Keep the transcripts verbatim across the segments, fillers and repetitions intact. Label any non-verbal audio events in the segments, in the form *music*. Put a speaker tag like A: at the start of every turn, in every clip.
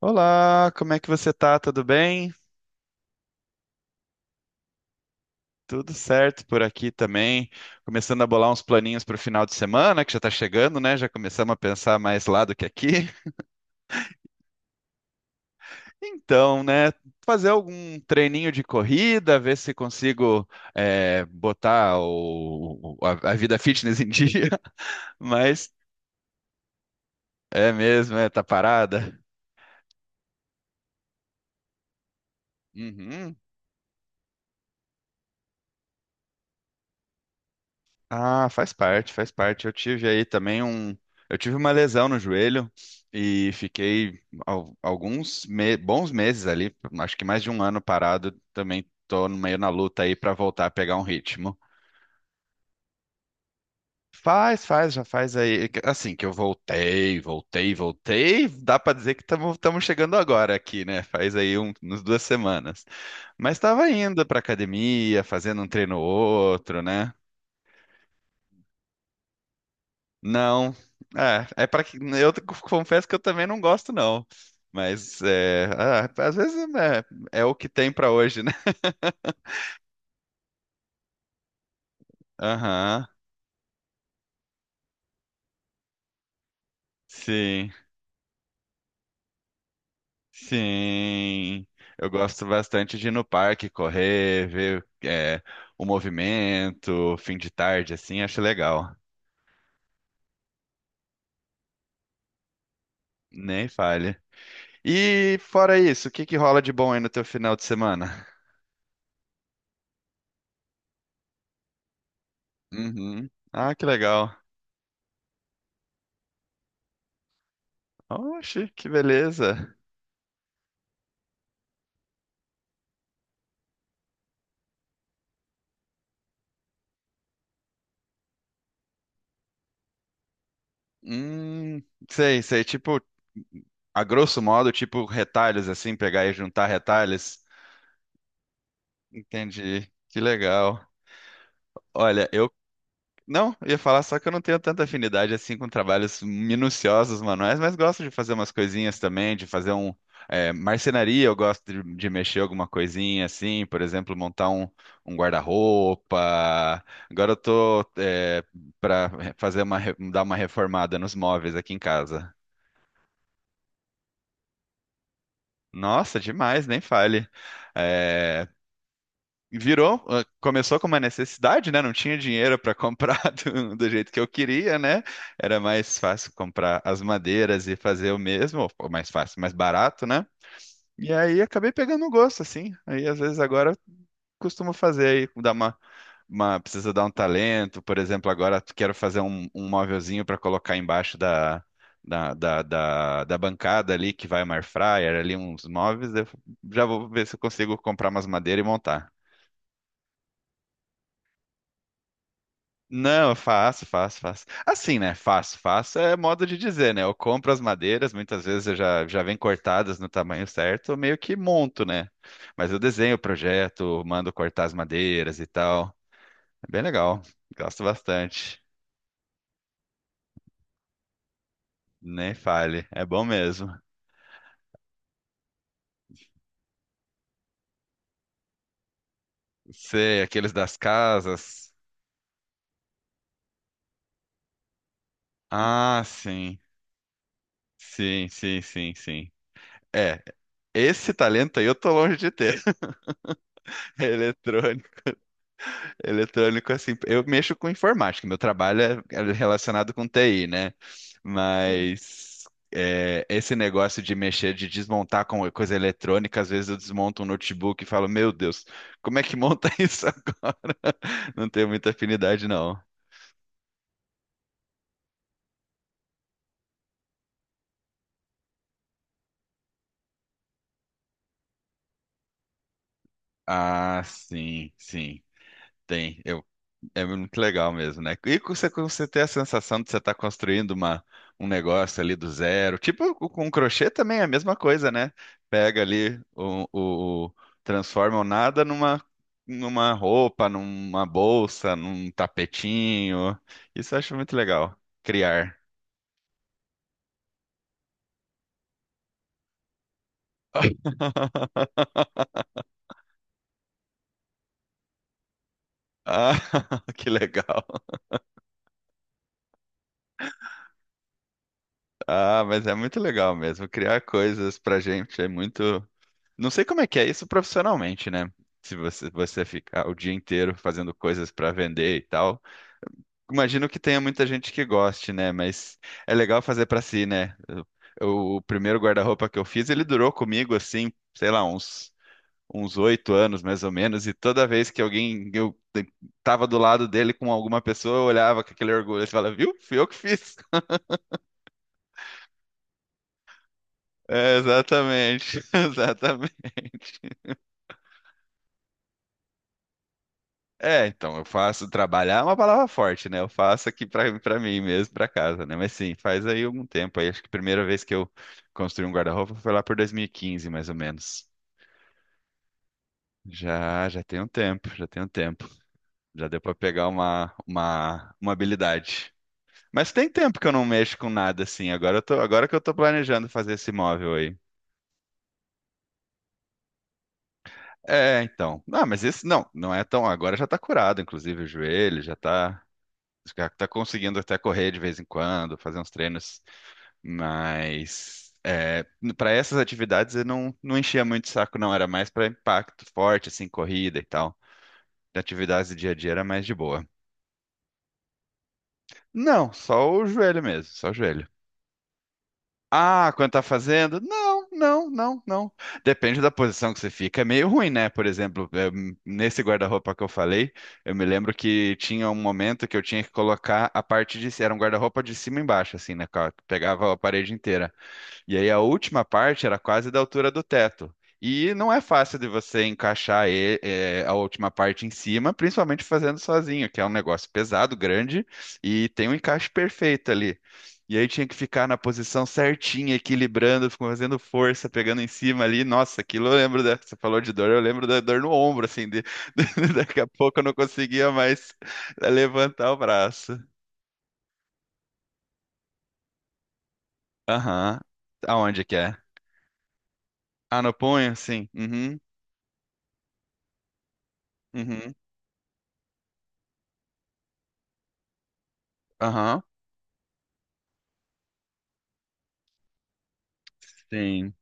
A: Olá, como é que você tá? Tudo bem? Tudo certo por aqui também. Começando a bolar uns planinhos para o final de semana, que já está chegando, né? Já começamos a pensar mais lá do que aqui. *laughs* Então, né? Fazer algum treininho de corrida, ver se consigo eh, botar o- o- a, a vida fitness em dia. *laughs* Mas é mesmo, é, tá parada. Uhum. Ah, faz parte, faz parte. Eu tive aí também um. Eu tive uma lesão no joelho e fiquei al- alguns me- bons meses ali, acho que mais de um ano parado. Também tô no meio na luta aí para voltar a pegar um ritmo. Faz, faz, já faz aí. Assim que eu voltei, voltei, voltei, dá pra dizer que estamos chegando agora aqui, né? Faz aí um, umas duas semanas. Mas tava indo pra academia, fazendo um treino ou outro, né? Não, é, é para que eu te- confesso que eu também não gosto não, mas é, ah, às vezes né, é, o que tem pra hoje, né? *laughs* Aham, sim, sim. Eu gosto bastante de ir no parque, correr, ver é, o movimento, fim de tarde, assim, acho legal. Nem falha. E fora isso, o que que rola de bom aí no teu final de semana? Uhum. Ah, que legal. Oxe, que beleza. Hum, sei, sei. Tipo, a grosso modo, tipo retalhos assim, pegar e juntar retalhos. Entendi. Que legal. Olha, eu não eu ia falar só que eu não tenho tanta afinidade assim com trabalhos minuciosos manuais, mas gosto de fazer umas coisinhas também, de fazer um é, marcenaria, eu gosto de, de mexer alguma coisinha assim, por exemplo, montar um, um guarda-roupa. Agora eu tô é, para fazer uma re- dar uma reformada nos móveis aqui em casa. Nossa, demais, nem fale. É, virou, ah, começou com uma necessidade, né? Não tinha dinheiro para comprar *laughs* do, do jeito que eu queria, né? Era mais fácil comprar as madeiras e fazer o mesmo, ou ou mais fácil, mais barato, né? E aí acabei pegando um gosto, assim. Aí às vezes agora eu costumo fazer aí, dar uma, uma, precisa dar um talento. Por exemplo, agora quero fazer um, um móvelzinho para colocar embaixo da da, da, da, da bancada ali que vai uma air fryer, ali uns móveis, eu já vou ver se eu consigo comprar umas madeiras e montar. Não, eu faço, faço, faço. Assim, né? Faço, faço é modo de dizer, né? Eu compro as madeiras, muitas vezes eu já, já vem cortadas no tamanho certo, eu meio que monto, né? Mas eu desenho o projeto, mando cortar as madeiras e tal. É bem legal, gosto bastante. Nem fale, é bom mesmo. Sei, aqueles das casas. Ah, sim, sim, sim, sim, sim. É, esse talento aí eu tô longe de ter. *laughs* Eletrônico. Eletrônico, assim, eu mexo com informática, meu trabalho é é relacionado com T I, né? Mas é, esse negócio de mexer, de desmontar com coisa eletrônica, às vezes eu desmonto um notebook e falo, meu Deus, como é que monta *laughs* isso agora? Não tenho muita afinidade, não. Ah, sim, sim, tem. Eu é muito legal mesmo, né? E você, você ter a sensação de você estar construindo uma, um negócio ali do zero. Tipo, com com crochê também é a mesma coisa, né? Pega ali o, o- o- transforma o nada numa, numa roupa, numa bolsa, num tapetinho. Isso eu acho muito legal. Criar. *laughs* Ah, *laughs* que legal. Ah, mas é muito legal mesmo. Criar coisas pra gente é muito. Não sei como é que é isso profissionalmente, né? Se você, você ficar o dia inteiro fazendo coisas para vender e tal. Imagino que tenha muita gente que goste, né? Mas é legal fazer para si, né? Eu- o primeiro guarda-roupa que eu fiz, ele durou comigo assim, sei lá, uns uns oito anos mais ou menos. E toda vez que alguém eu te- tava do lado dele com alguma pessoa, eu olhava com aquele orgulho e falava, viu? Fui eu que fiz. *laughs* É, exatamente, *laughs* exatamente. É, então, eu faço trabalhar é uma palavra forte, né? Eu faço aqui pra para mim mesmo, pra casa, né? Mas sim, faz aí algum tempo. Aí acho que a primeira vez que eu construí um guarda-roupa foi lá por dois mil e quinze, mais ou menos. Já, já tem um tempo, já tem um tempo. Já deu pra pegar uma, uma, uma habilidade. Mas tem tempo que eu não mexo com nada assim. Agora eu tô, agora que eu tô planejando fazer esse móvel aí. É, então. Não, mas esse não, não é tão. Agora já tá curado, inclusive o joelho já tá, já tá conseguindo até correr de vez em quando, fazer uns treinos. Mas é, para essas atividades eu não, não enchia muito o saco, não. Era mais para impacto forte, assim, corrida e tal. De atividades do dia a dia era mais de boa. Não, só o joelho mesmo, só o joelho. Ah, quando tá fazendo? Não, não, não, não. Depende da posição que você fica. É meio ruim, né? Por exemplo, eu- nesse guarda-roupa que eu falei, eu me lembro que tinha um momento que eu tinha que colocar a parte de... Era um guarda-roupa de cima e embaixo, assim, né, cara? Pegava a parede inteira. E aí a última parte era quase da altura do teto. E não é fácil de você encaixar e- eh, a última parte em cima, principalmente fazendo sozinho, que é um negócio pesado, grande, e tem um encaixe perfeito ali. E aí tinha que ficar na posição certinha, equilibrando, fazendo força, pegando em cima ali. Nossa, aquilo eu lembro da... Você falou de dor, eu lembro da dor no ombro, assim, de... *laughs* daqui a pouco eu não conseguia mais levantar o braço. Aham. Aonde que é? Ah, no punho? Sim. Uhum. Uhum. Aham, sim,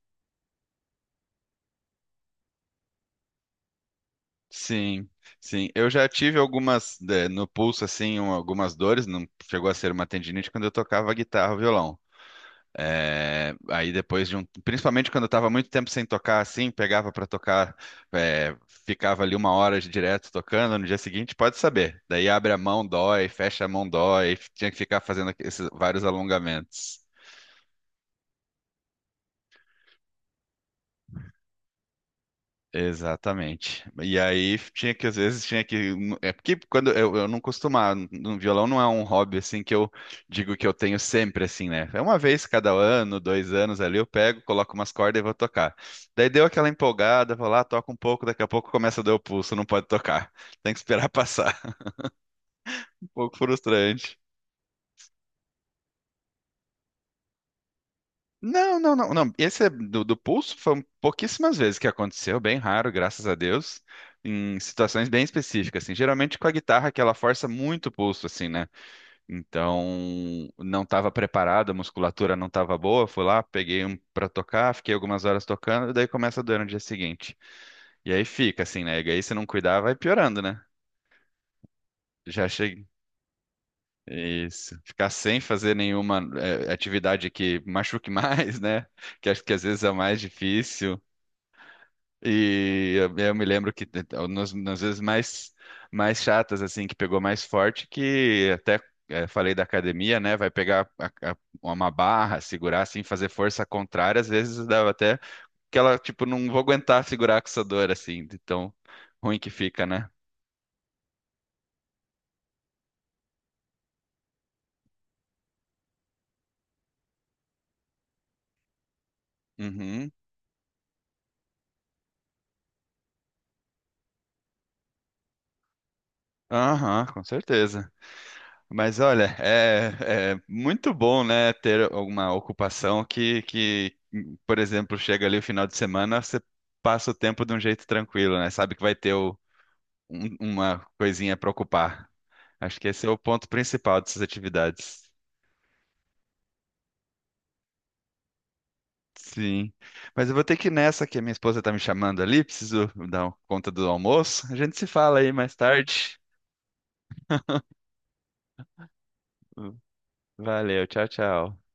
A: sim, sim. Eu já tive algumas, eh, no pulso, assim, um- algumas dores, não chegou a ser uma tendinite quando eu tocava guitarra ou violão. Eh, aí depois de um, principalmente quando eu estava muito tempo sem tocar, assim, pegava para tocar, eh, ficava ali uma hora de direto tocando, no dia seguinte pode saber. Daí abre a mão, dói, fecha a mão, dói, tinha que ficar fazendo esses vários alongamentos. Exatamente. E aí tinha que, às vezes, tinha que. Hum, É porque quando eu, eu não costumava, no violão não é um hobby assim que eu digo que eu tenho sempre, assim, né? É uma vez cada ano, dois anos ali, eu pego, coloco umas cordas e vou tocar. Daí deu aquela empolgada, vou lá, toco um pouco, daqui a pouco começa a doer o pulso, não pode tocar. Tem que esperar passar. *laughs* Um pouco frustrante. Não, não, não, não. Esse é do, do pulso foi um- pouquíssimas vezes que aconteceu, bem raro, graças a Deus, em situações bem específicas, assim. Geralmente com a guitarra que ela força muito o pulso, assim, né? Então, não estava preparado, a musculatura não estava boa, fui lá, peguei um para tocar, fiquei algumas horas tocando, e daí começa a doer no dia seguinte. E aí fica, assim, né? E aí se não cuidar, vai piorando, né? Já cheguei. Isso. Ficar sem fazer nenhuma eh, atividade que machuque *laughs* mais, né? Que acho que às vezes é o mais difícil. E eu, eu me lembro que te- nas, nas vezes mais, mais chatas, assim, que pegou mais forte, que até eh, falei da academia, né? Vai pegar a- a- uma barra, segurar, assim, fazer força contrária, às vezes dava até que ela, tipo, não vou aguentar segurar com essa dor, assim, de tão ruim que fica, né? Uhum. Aham, com certeza. Mas olha, é, é muito bom, né, ter alguma ocupação que, que, por exemplo, chega ali o final de semana, você passa o tempo de um jeito tranquilo, né? Sabe que vai ter o- um- uma coisinha para ocupar. Acho que esse é o ponto principal dessas atividades. Sim. Mas eu vou ter que ir nessa, que a minha esposa tá me chamando ali, preciso dar conta do almoço. A gente se fala aí mais tarde. Valeu, tchau, tchau.